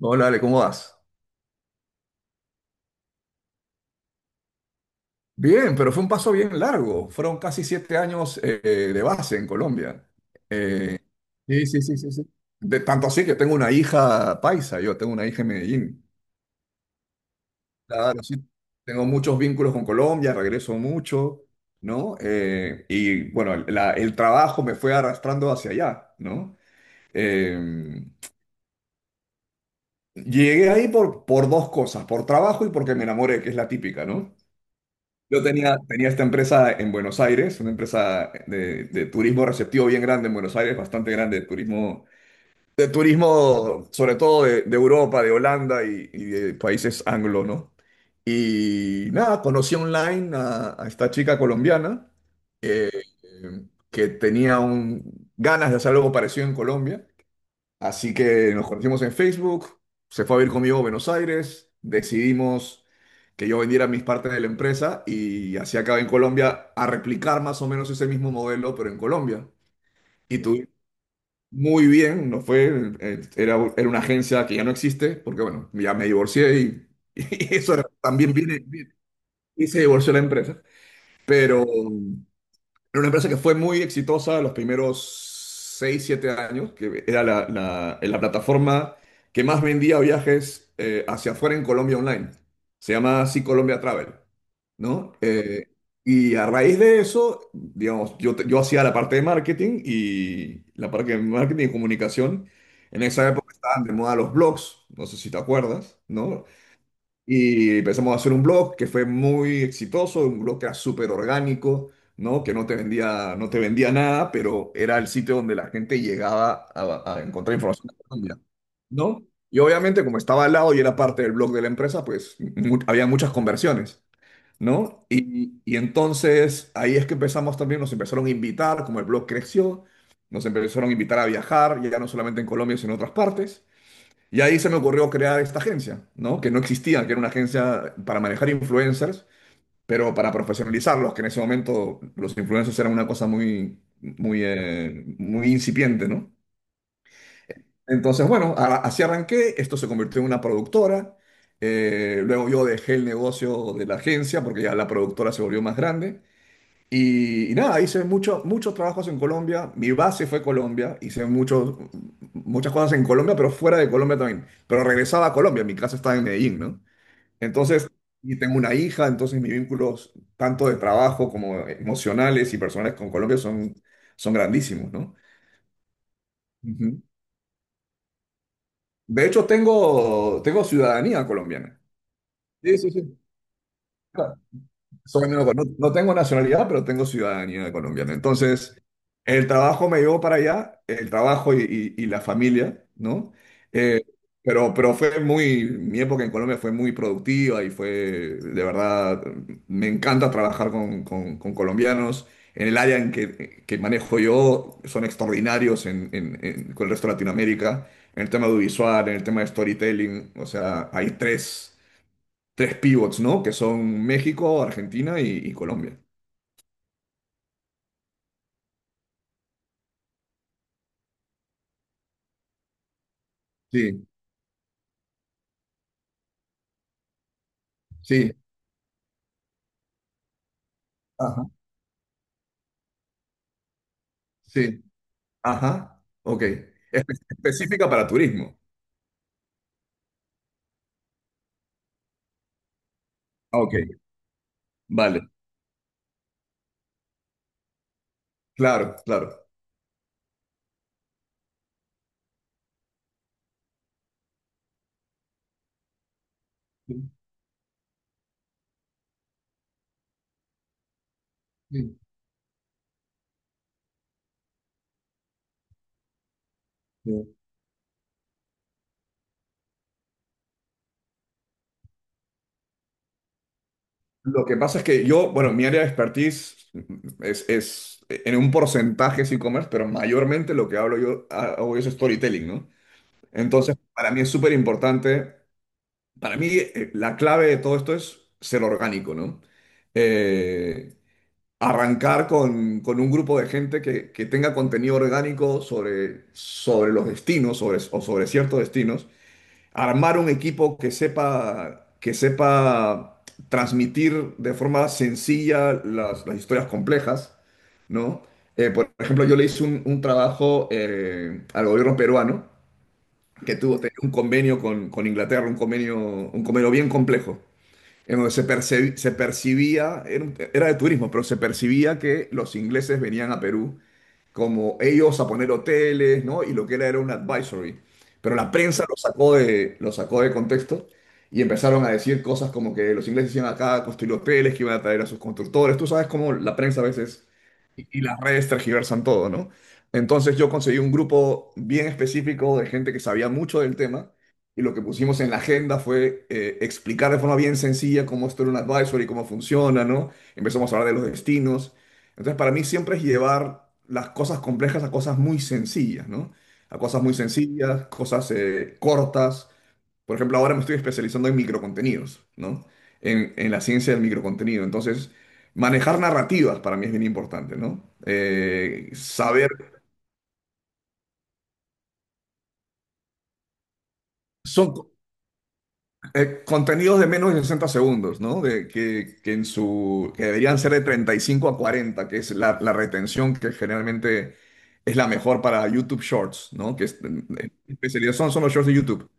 Hola, Ale, ¿cómo vas? Bien, pero fue un paso bien largo. Fueron casi 7 años de base en Colombia. Eh, sí, sí, sí, sí, sí. De tanto así que tengo una hija paisa, yo tengo una hija en Medellín. Claro, sí. Tengo muchos vínculos con Colombia, regreso mucho, ¿no? Y bueno, el trabajo me fue arrastrando hacia allá, ¿no? Eh, Llegué ahí por dos cosas, por trabajo y porque me enamoré, que es la típica, ¿no? Yo tenía esta empresa en Buenos Aires, una empresa de turismo receptivo bien grande en Buenos Aires, bastante grande, de turismo sobre todo de Europa, de Holanda y de países anglo, ¿no? Y nada, conocí online a esta chica colombiana eh, eh, que tenía ganas de hacer algo parecido en Colombia. Así que nos conocimos en Facebook, se fue a vivir conmigo a Buenos Aires, decidimos que yo vendiera mis partes de la empresa y así acabé en Colombia a replicar más o menos ese mismo modelo, pero en Colombia. Y bien. Tú, muy bien, nos fue, era una agencia que ya no existe, porque bueno, ya me divorcié y, y también viene, y se divorció la empresa, pero era una empresa que fue muy exitosa los primeros 6 7 años, que era la plataforma que más vendía viajes hacia afuera en Colombia online. Se llama así Colombia Travel, ¿no? Y a raíz de eso, digamos, yo, yo hacía la parte de marketing y la parte de marketing y comunicación. En esa época estaban de moda los blogs, no sé si te acuerdas, ¿no? Y empezamos a hacer un blog que fue muy exitoso, un blog que era súper orgánico, ¿no? Que no te vendía, no te vendía nada, pero era el sitio donde la gente llegaba a encontrar información de Colombia, ¿no? Y obviamente, como estaba al lado y era parte del blog de la empresa, pues había muchas conversiones, ¿no? Y entonces ahí es que empezamos también, nos empezaron a invitar, como el blog creció, nos empezaron a invitar a viajar, ya no solamente en Colombia, sino en otras partes. Y ahí se me ocurrió crear esta agencia, ¿no? Que no existía, que era una agencia para manejar influencers, pero para profesionalizarlos, que en ese momento los influencers eran una cosa muy, muy, muy incipiente, ¿no? Entonces, bueno, así arranqué, esto se convirtió en una productora. Luego yo dejé el negocio de la agencia porque ya la productora se volvió más grande y nada, muchos trabajos en Colombia. Mi base fue Colombia. Hice muchas cosas en Colombia, pero fuera de Colombia también. Pero regresaba a Colombia. Mi casa estaba en Medellín, ¿no? Entonces, y tengo una hija, entonces mis vínculos, tanto de trabajo como emocionales y personales con Colombia, son grandísimos, ¿no? Ujú. De hecho, tengo ciudadanía colombiana. Sí, sí, sí. Soy No, no tengo nacionalidad, pero tengo ciudadanía colombiana. Entonces, el trabajo me llevó para allá, el trabajo y la familia, ¿no? Eh, pero mi época en Colombia fue muy productiva y fue, de verdad, me encanta trabajar con colombianos. En el área en que manejo yo, son extraordinarios con el resto de Latinoamérica, en el tema audiovisual, en el tema de storytelling, o sea, hay tres pivots, ¿no? Que son México, Argentina y Colombia. Sí, sí, ajá, sí, ajá, ok. Específica para turismo. Ah, ok, vale, claro, claro. Sí, sí, sí. Lo que pasa es que yo, bueno, mi área de expertise es en un porcentaje es e-commerce, pero mayormente lo que hablo yo hago es storytelling, ¿no? Entonces, para mí es súper importante, para mí la clave de todo esto es ser orgánico, ¿no? Eh, arrancar con un grupo de gente que tenga contenido orgánico sobre los destinos o sobre ciertos destinos, armar un equipo que sepa transmitir de forma sencilla las historias complejas, ¿no? Por ejemplo, yo le hice un trabajo al gobierno peruano que tuvo tenía un convenio con Inglaterra, un convenio bien complejo en donde se percibía, era de turismo, pero se percibía que los ingleses venían a Perú como ellos a poner hoteles, ¿no? Y lo que era un advisory. Pero la prensa lo sacó de contexto y empezaron a decir cosas como que los ingleses iban acá a construir hoteles, que iban a traer a sus constructores. Tú sabes cómo la prensa a veces y las redes tergiversan todo, ¿no? Entonces yo conseguí un grupo bien específico de gente que sabía mucho del tema y lo que pusimos en la agenda fue explicar de forma bien sencilla cómo esto era un advisory, cómo funciona, ¿no? Empezamos a hablar de los destinos. Entonces para mí siempre es llevar las cosas complejas a cosas muy sencillas, ¿no? A cosas muy sencillas, cosas cortas. Por ejemplo, ahora me estoy especializando en microcontenidos, ¿no? En la ciencia del microcontenido. Entonces, manejar narrativas para mí es bien importante, ¿no? Saber, son co- contenidos de menos de 60 segundos, ¿no? Que que deberían ser de 35 a 40, que es la retención que generalmente es la mejor para YouTube Shorts, ¿no? Que es, en especialidad son los shorts de YouTube.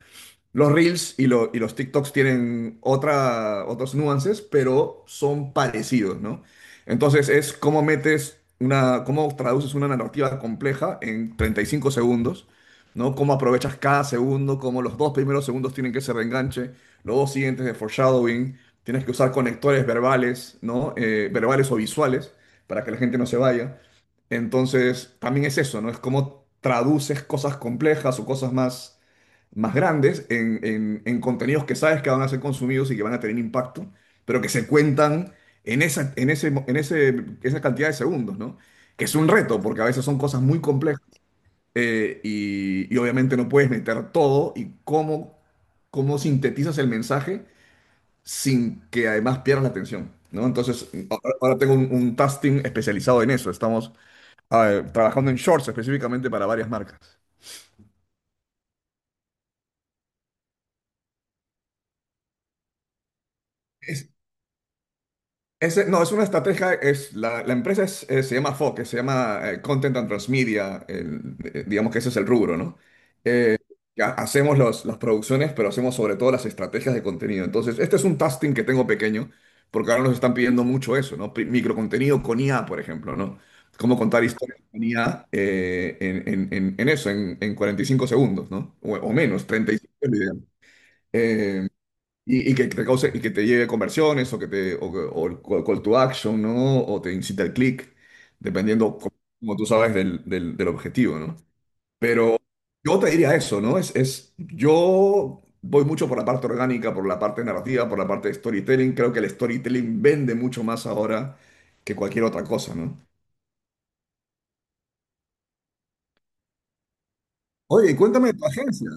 Los Reels y los TikToks tienen otros nuances, pero son parecidos, ¿no? Entonces es cómo traduces una narrativa compleja en 35 segundos, ¿no? Cómo aprovechas cada segundo, cómo los dos primeros segundos tienen que ser de enganche, los dos siguientes de foreshadowing, tienes que usar conectores verbales, ¿no? Verbales o visuales para que la gente no se vaya. Entonces, también es eso, ¿no? Es cómo traduces cosas complejas o cosas más grandes en contenidos que sabes que van a ser consumidos y que van a tener impacto, pero que se cuentan en esa, en ese, mo- en ese, esa cantidad de segundos, ¿no? Que es un reto, porque a veces son cosas muy complejas, y obviamente no puedes meter todo y cómo sintetizas el mensaje sin que además pierdas la atención, ¿no? Entonces, ahora tengo un task team especializado en eso. Estamos trabajando en shorts específicamente para varias marcas. No, es una estrategia, la empresa se llama FOC, se llama Content and Transmedia, digamos que ese es el rubro, ¿no? Eh, ya hacemos las producciones, pero hacemos sobre todo las estrategias de contenido. Entonces, este es un tasking que tengo pequeño, porque ahora nos están pidiendo mucho eso, ¿no? Microcontenido con IA, por ejemplo, ¿no? Cómo contar historias con IA en 45 segundos, ¿no? O menos, 35 es lo ideal. Y y que te lleve conversiones o que te o, que- o el call to action, ¿no? O te incita al clic, dependiendo, como tú sabes, del objetivo, ¿no? Pero yo te diría eso, ¿no? Yo voy mucho por la parte orgánica, por la parte narrativa, por la parte de storytelling. Creo que el storytelling vende mucho más ahora que cualquier otra cosa, ¿no? Oye, y cuéntame de tu agencia.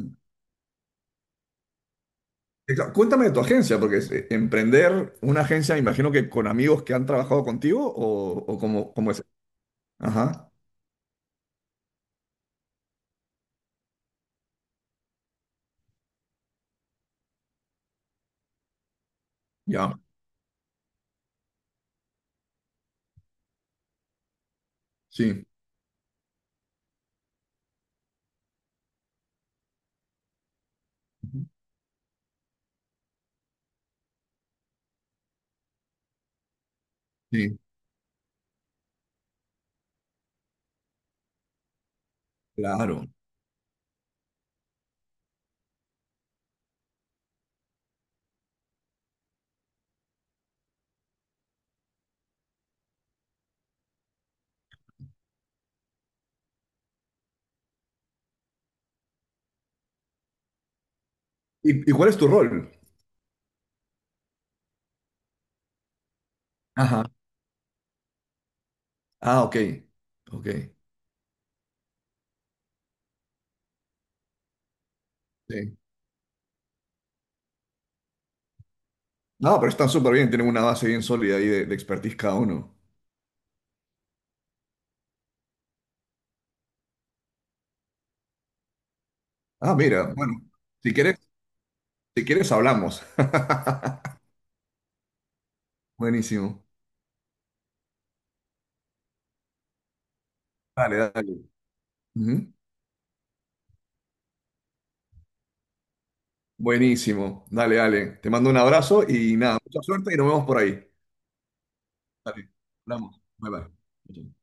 Cuéntame de tu agencia, porque emprender una agencia, me imagino que con amigos que han trabajado contigo o cómo es. Ajá. Ya, sí, sí, claro. ¿Y cuál es tu rol? Ajá. Ah, ok, ok, sí. No, pero están súper bien, tienen una base bien sólida ahí de expertise cada uno. Ah, mira, bueno, si quieres, si quieres hablamos. Buenísimo. Dale, dale. Ujú. Buenísimo. Dale, dale. Te mando un abrazo y nada, mucha suerte y nos vemos por ahí. Dale, hablamos. Bye, bye.